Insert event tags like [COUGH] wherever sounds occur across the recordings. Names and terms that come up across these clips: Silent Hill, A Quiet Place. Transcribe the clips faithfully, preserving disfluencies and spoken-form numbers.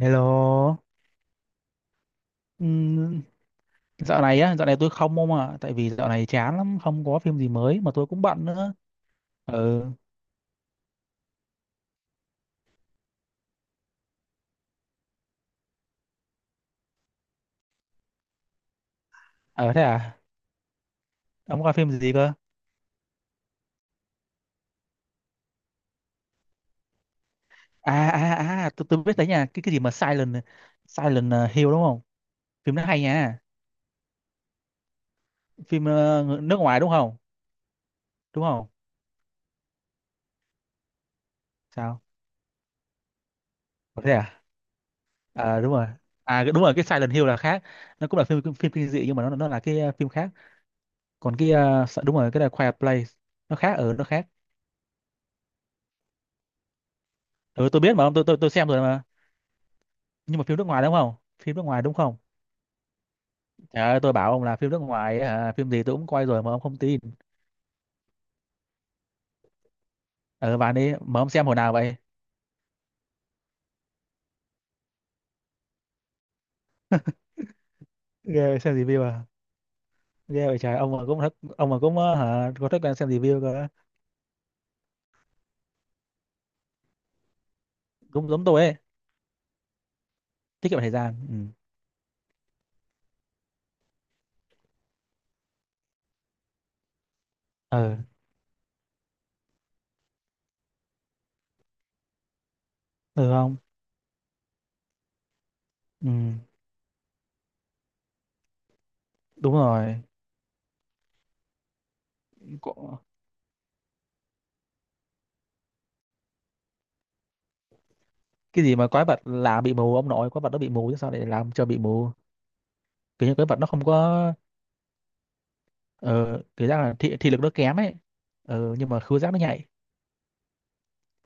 Hello. Ừm, dạo này á, dạo này tôi không ông ạ, tại vì dạo này chán lắm, không có phim gì mới mà tôi cũng bận nữa. Ừ. ờ Thế à? Ông coi phim gì cơ? À à à, tôi tôi biết đấy nha, cái cái gì mà Silent Silent ờ, Hill đúng không? Phim nó hay nha. Phim ờ, ng- nước ngoài đúng không? Đúng không? Sao? Ờ, thế à? À, đúng rồi. À, cái- đúng rồi, cái Silent Hill là khác. Nó cũng là phim phim kinh dị nhưng mà nó nó là cái ờ, phim khác. Còn cái ờ, sợ- đúng rồi, cái là Quiet Place nó khác ở ừ, nó khác. Ừ, tôi biết mà ông, tôi tôi tôi xem rồi mà. Nhưng mà phim nước ngoài đúng không? Phim nước ngoài đúng không? Trời ơi, tôi bảo ông là phim nước ngoài ấy hả? Phim gì tôi cũng coi rồi mà ông không tin. ờ Bạn ấy mà, ông xem hồi nào vậy? Ghê vậy, xem review à? Ghê vậy trời, ông mà cũng thích, ông mà cũng ờ, hả có thói quen xem review cơ. Cũng giống tôi ấy. Tiết kiệm thời gian. Ừ. ờ Được không? Ừ, đúng rồi. Có- cái gì mà quái vật là bị mù? Ông nội, quái vật nó bị mù chứ sao lại làm cho bị mù? Kiểu như quái vật nó không có. ờ Kiểu ra là thị, thị lực nó kém ấy. Ờ nhưng mà khứu giác nó nhạy.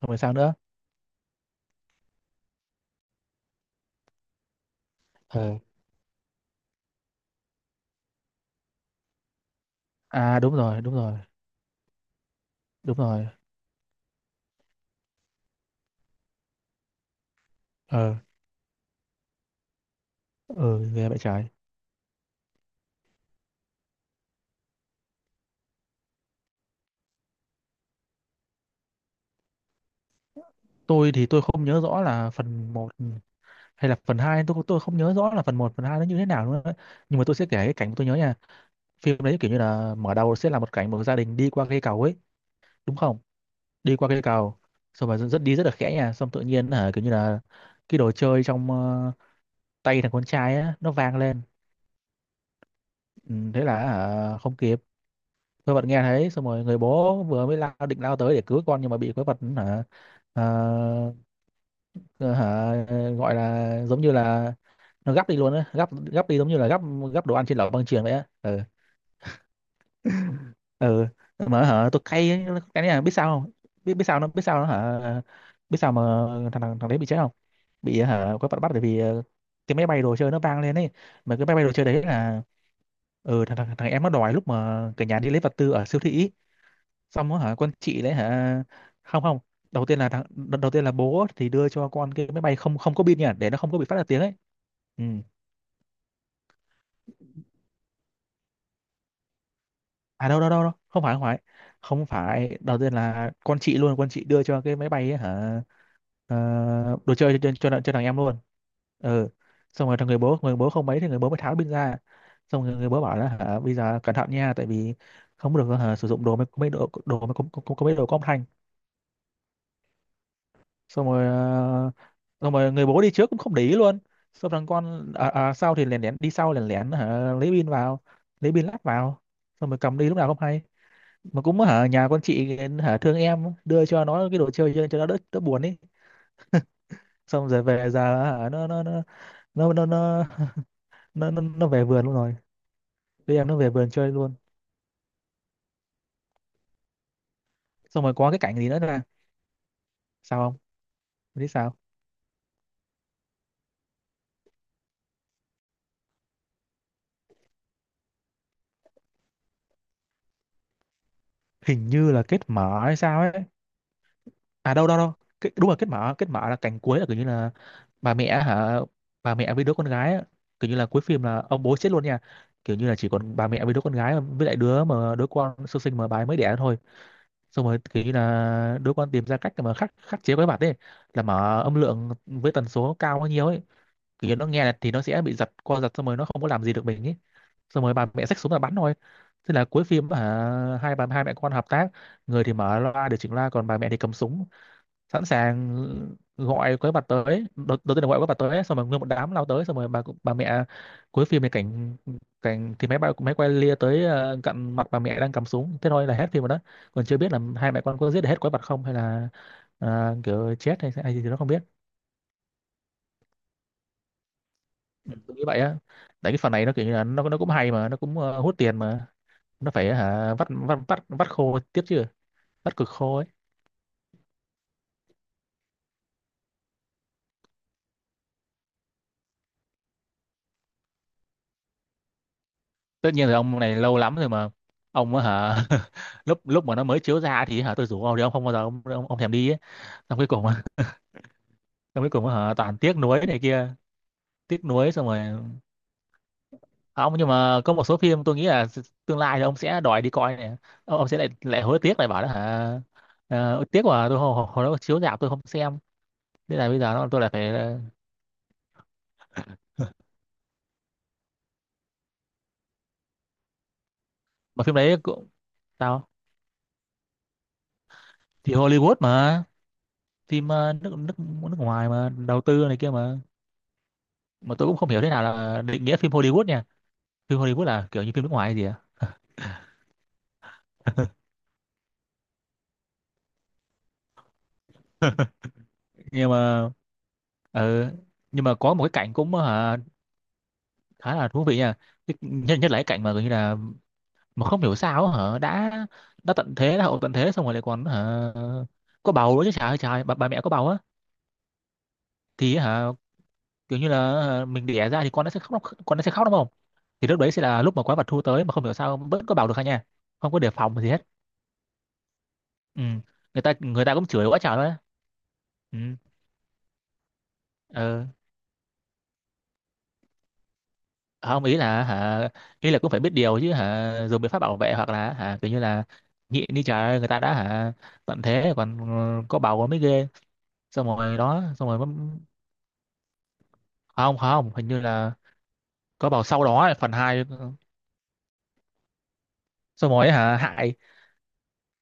Không phải sao nữa? ờ à Đúng rồi, đúng rồi. Đúng rồi. Ờ, ờ Ghe bãi trái. Tôi thì tôi không nhớ rõ là phần một hay là phần hai, tôi tôi không nhớ rõ là phần một, phần hai nó như thế nào nữa đấy. Nhưng mà tôi sẽ kể cái cảnh tôi nhớ nha. Phim đấy kiểu như là mở đầu sẽ là một cảnh một gia đình đi qua cây cầu ấy, đúng không? Đi qua cây cầu, xong rồi rất đi rất là khẽ nha, xong tự nhiên hả, kiểu như là cái đồ chơi trong ờ, tay thằng con trai á nó vang lên. Ừ, thế là hả, không kịp. Quái vật nghe thấy, xong rồi người bố vừa mới lao, định lao tới để cứu con nhưng mà bị quái vật hả, ờ, ờ, hả, gọi là giống như là nó gắp đi luôn á, gắp gắp đi giống như là gắp, gắp đồ ăn trên lẩu băng chuyền vậy á. Ừ. ừ mà hả, tôi cay ấy, cái này là biết sao không? Biết, biết sao nó, biết sao nó hả, biết sao mà thằng thằng, thằng đấy bị chết không? Bị hả, có bắt, bắt bởi vì ờ, cái máy bay đồ chơi nó vang lên ấy, mà cái máy bay đồ chơi đấy là, ừ, thằng, thằng thằng em nó đòi lúc mà cả nhà đi lấy vật tư ở siêu thị ý. Xong rồi hả, con chị đấy hả, không, không, đầu tiên là thằng đầu, đầu tiên là bố thì đưa cho con cái máy bay không, không có pin nha, để nó không có bị phát ra tiếng ấy. Ừ. À, đâu đâu đâu đâu không phải, không phải, không phải, đầu tiên là con chị luôn, con chị đưa cho cái máy bay ấy, hả. Ờ, đồ chơi cho, cho, cho thằng em luôn. Ừ. Xong rồi thằng người bố, người bố không mấy thì người bố mới tháo pin ra. Xong rồi người bố bảo là hả, bây giờ cẩn thận nha, tại vì không được hả, sử dụng đồ, mấy mấy đồ, đồ mấy có, có, có mấy đồ có âm thanh. Xong rồi ờ, xong rồi người bố đi trước cũng không để ý luôn. Xong thằng con à, à, sau thì lén lén đi sau, lén lén hả, lấy pin vào, lấy pin lắp vào. Xong rồi cầm đi lúc nào không hay. Mà cũng hả, nhà con chị hả, thương em, đưa cho nó cái đồ chơi cho, cho nó đỡ, đỡ buồn ấy. Xong rồi về già hả, nó nó nó nó nó nó [LAUGHS] nó, nó, nó về vườn luôn rồi. Đứa em nó về vườn chơi luôn. Xong rồi có cái cảnh gì nữa là, sao không, em biết sao. Hình như là kết mở hay sao ấy. À, đâu đâu đâu cái, đúng là kết mở, kết mở là cảnh cuối là kiểu như là bà mẹ hả, bà mẹ với đứa con gái á. Kiểu như là cuối phim là ông bố chết luôn nha, kiểu như là chỉ còn bà mẹ với đứa con gái với lại đứa mà đứa con sơ sinh mà bà ấy mới đẻ thôi. Xong rồi cái là đứa con tìm ra cách để mà khắc, khắc chế quái vật ấy, là mở âm lượng với tần số cao bao nhiêu ấy. Kiểu như nó nghe là thì nó sẽ bị giật, co giật, xong rồi nó không có làm gì được mình ấy. Xong rồi bà mẹ xách súng là bắn thôi. Thế là cuối phim à, hai bà, hai mẹ con hợp tác, người thì mở loa, điều chỉnh loa, còn bà mẹ thì cầm súng, sẵn sàng gọi quái vật tới. Đầu, đầu tiên là gọi quái vật tới, xong rồi nguyên một đám lao tới, xong rồi bà, bà mẹ cuối phim này cảnh, cảnh thì máy bay máy quay lia tới ờ, cận mặt bà mẹ đang cầm súng, thế thôi là hết phim rồi đó. Còn chưa biết là hai mẹ con có giết được hết quái vật không, hay là ờ, kiểu chết hay, hay gì thì nó không biết. Ừ, tôi nghĩ vậy á. Tại cái phần này nó kiểu như là nó nó cũng hay mà nó cũng ờ, hút tiền mà, nó phải hả, vắt vắt vắt vắt khô tiếp chứ. Vắt cực khô ấy. Tất nhiên rồi, ông này lâu lắm rồi mà. Ông á hả. [LAUGHS] Lúc, lúc mà nó mới chiếu ra thì hả, tôi rủ ông thì ông không bao giờ, ông ông, ông thèm đi ấy. Xong cuối cùng [LAUGHS] á, xong cuối cùng hả, toàn tiếc nuối này kia, tiếc nuối, xong rồi. À, ông, nhưng mà có một số phim tôi nghĩ là tương lai thì ông sẽ đòi đi coi này. Ông, ông sẽ lại lại hối tiếc lại bảo đó hả. Ờ, tiếc mà tôi hồi, hồi hồi đó chiếu rạp tôi không xem. Thế là bây giờ nó, tôi lại phải ờ, mà phim đấy cũng, sao, thì Hollywood mà. Phim ờ, nước nước nước ngoài mà đầu tư này kia mà. Mà tôi cũng không hiểu thế nào là định nghĩa phim Hollywood nha. Phim Hollywood là kiểu như phim nước ngoài hay gì à? [LAUGHS] Nhưng mà ờ, nhưng mà có một cái cảnh cũng hả, khá là thú vị nha. Cái- nhất Nhất là cái cảnh mà gần như là, mà không hiểu sao hả, đã đã tận thế, đã hậu tận thế, xong rồi lại còn hả, có bầu nữa chứ. Trời ơi trời, bà, bà mẹ có bầu á. Thì hả, kiểu như là hả, mình đẻ ra thì con nó sẽ khóc, con nó sẽ khóc đúng không? Thì lúc đấy sẽ là lúc mà quái vật thu tới, mà không hiểu sao vẫn có bầu được hả nha. Không có đề phòng gì hết. Ừ. Người ta, người ta cũng chửi quá trời luôn á. Ừ. Ờ. Ờ, không, ý là hả, ý là cũng phải biết điều chứ hả, dùng biện pháp bảo vệ hoặc là hả, kiểu như là nhịn đi trời ơi, người ta đã hả, tận thế còn, ừ, có bầu mới ghê. Xong rồi đó, xong rồi mới, à, không không, hình như là có bầu sau đó ấy, phần hai ờ, xong rồi ấy hả hại,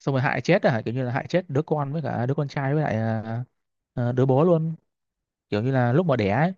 xong rồi hại chết hả, kiểu như là hại chết đứa con với cả đứa con trai với lại à, à, đứa bố luôn. Kiểu như là lúc mà đẻ ấy,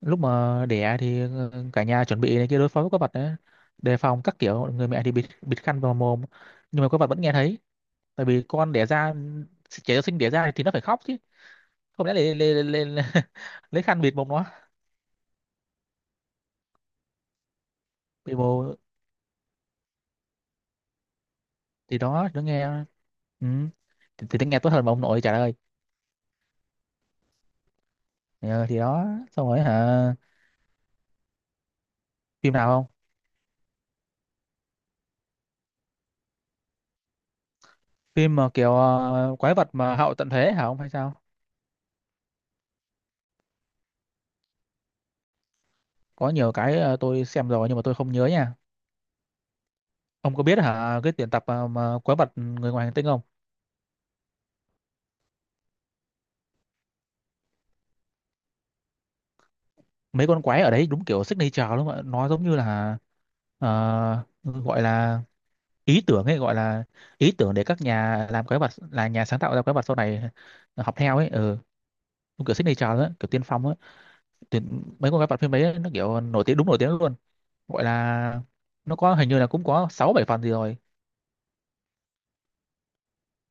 lúc mà đẻ thì ừ, cả nhà chuẩn bị này kia đối phó với quái vật ấy, đề phòng các kiểu. Người mẹ thì bịt bịt khăn vào mồm, nhưng mà quái vật vẫn nghe thấy, tại vì con đẻ ra, trẻ sơ sinh đẻ ra thì nó phải khóc chứ, không lẽ lấy lấy lấy, lấy, [LAUGHS] lấy khăn bịt mồm nó. Bịt mồm thì đó, nó nghe. Ừ. thì, thì nó nghe tốt hơn mà ông nội trả lời. Ờ, thì đó. Xong rồi hả, phim nào không. Phim mà kiểu ờ, quái vật mà hậu tận thế hả ông hay sao? Có nhiều cái ờ, tôi xem rồi nhưng mà tôi không nhớ nha. Ông có biết hả, cái tuyển tập ờ, mà quái vật người ngoài hành tinh không? Mấy con quái ở đấy đúng kiểu signature luôn ạ, nó giống như là ờ, gọi là ý tưởng ấy, gọi là ý tưởng để các nhà làm quái vật, là nhà sáng tạo ra quái vật sau này học theo ấy. Ừ. Đúng kiểu signature đó, kiểu tiên phong ấy. Thì mấy con quái vật phim đấy nó kiểu nổi tiếng, đúng nổi tiếng luôn, gọi là nó có hình như là cũng có sáu bảy phần gì rồi.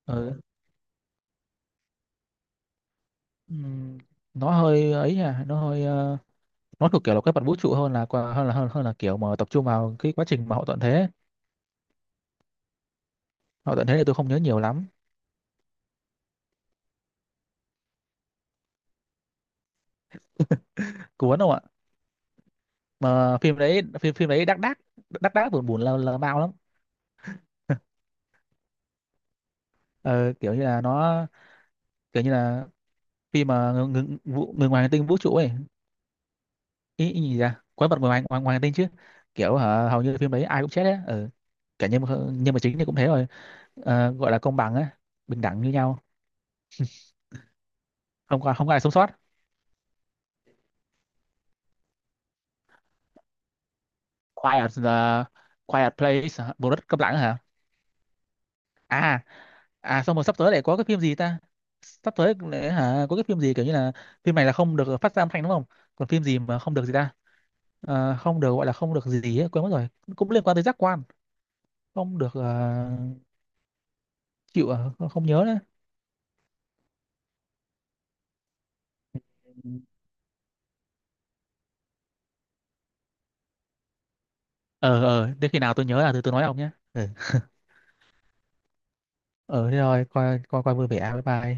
Ừ. Ừm, nó hơi ấy à, nó hơi ờ, nó thuộc kiểu là quái vật vũ trụ hơn là qua- hơn là hơn, hơn là kiểu mà tập trung vào cái quá trình mà hậu tận thế. Hậu tận thế thì tôi không nhớ nhiều lắm. Cuốn không ạ? Mà phim đấy, phim phim đấy đắc đắc đắc đắc buồn, buồn lờ, lờ mau lắm. [LAUGHS] ờ, Kiểu như là nó kiểu như là khi mà người, người, vũ- người ngoài hành tinh vũ trụ ấy, ý, ý gì, ra quái vật ngoài ngoài, ngoài hành tinh chứ. Kiểu hả, hầu như phim đấy ai cũng chết đấy. Ừ. Cả nhân vật- nhân vật chính thì cũng thế rồi. Ờ, gọi là công bằng á, bình đẳng như nhau. Không có, không có ai sống sót. Quiet the Quiet Place hả? Bộ đất câm lặng hả? À, à, xong rồi sắp tới lại có cái phim gì ta, sắp tới lại hả, có cái phim gì kiểu như là phim này là không được phát ra âm thanh đúng không? Còn phim gì mà không được gì ta? Ờ, không được, gọi là không được gì ấy, quên mất rồi. Cũng liên quan tới giác quan. Không được Ờ, chịu à, không, không nhớ nữa. Ờ, ờ, đến khi nào tôi nhớ là tôi tôi nói ông nhé. Ừ. Ờ, thế rồi coi, coi coi vui vẻ, bye bye.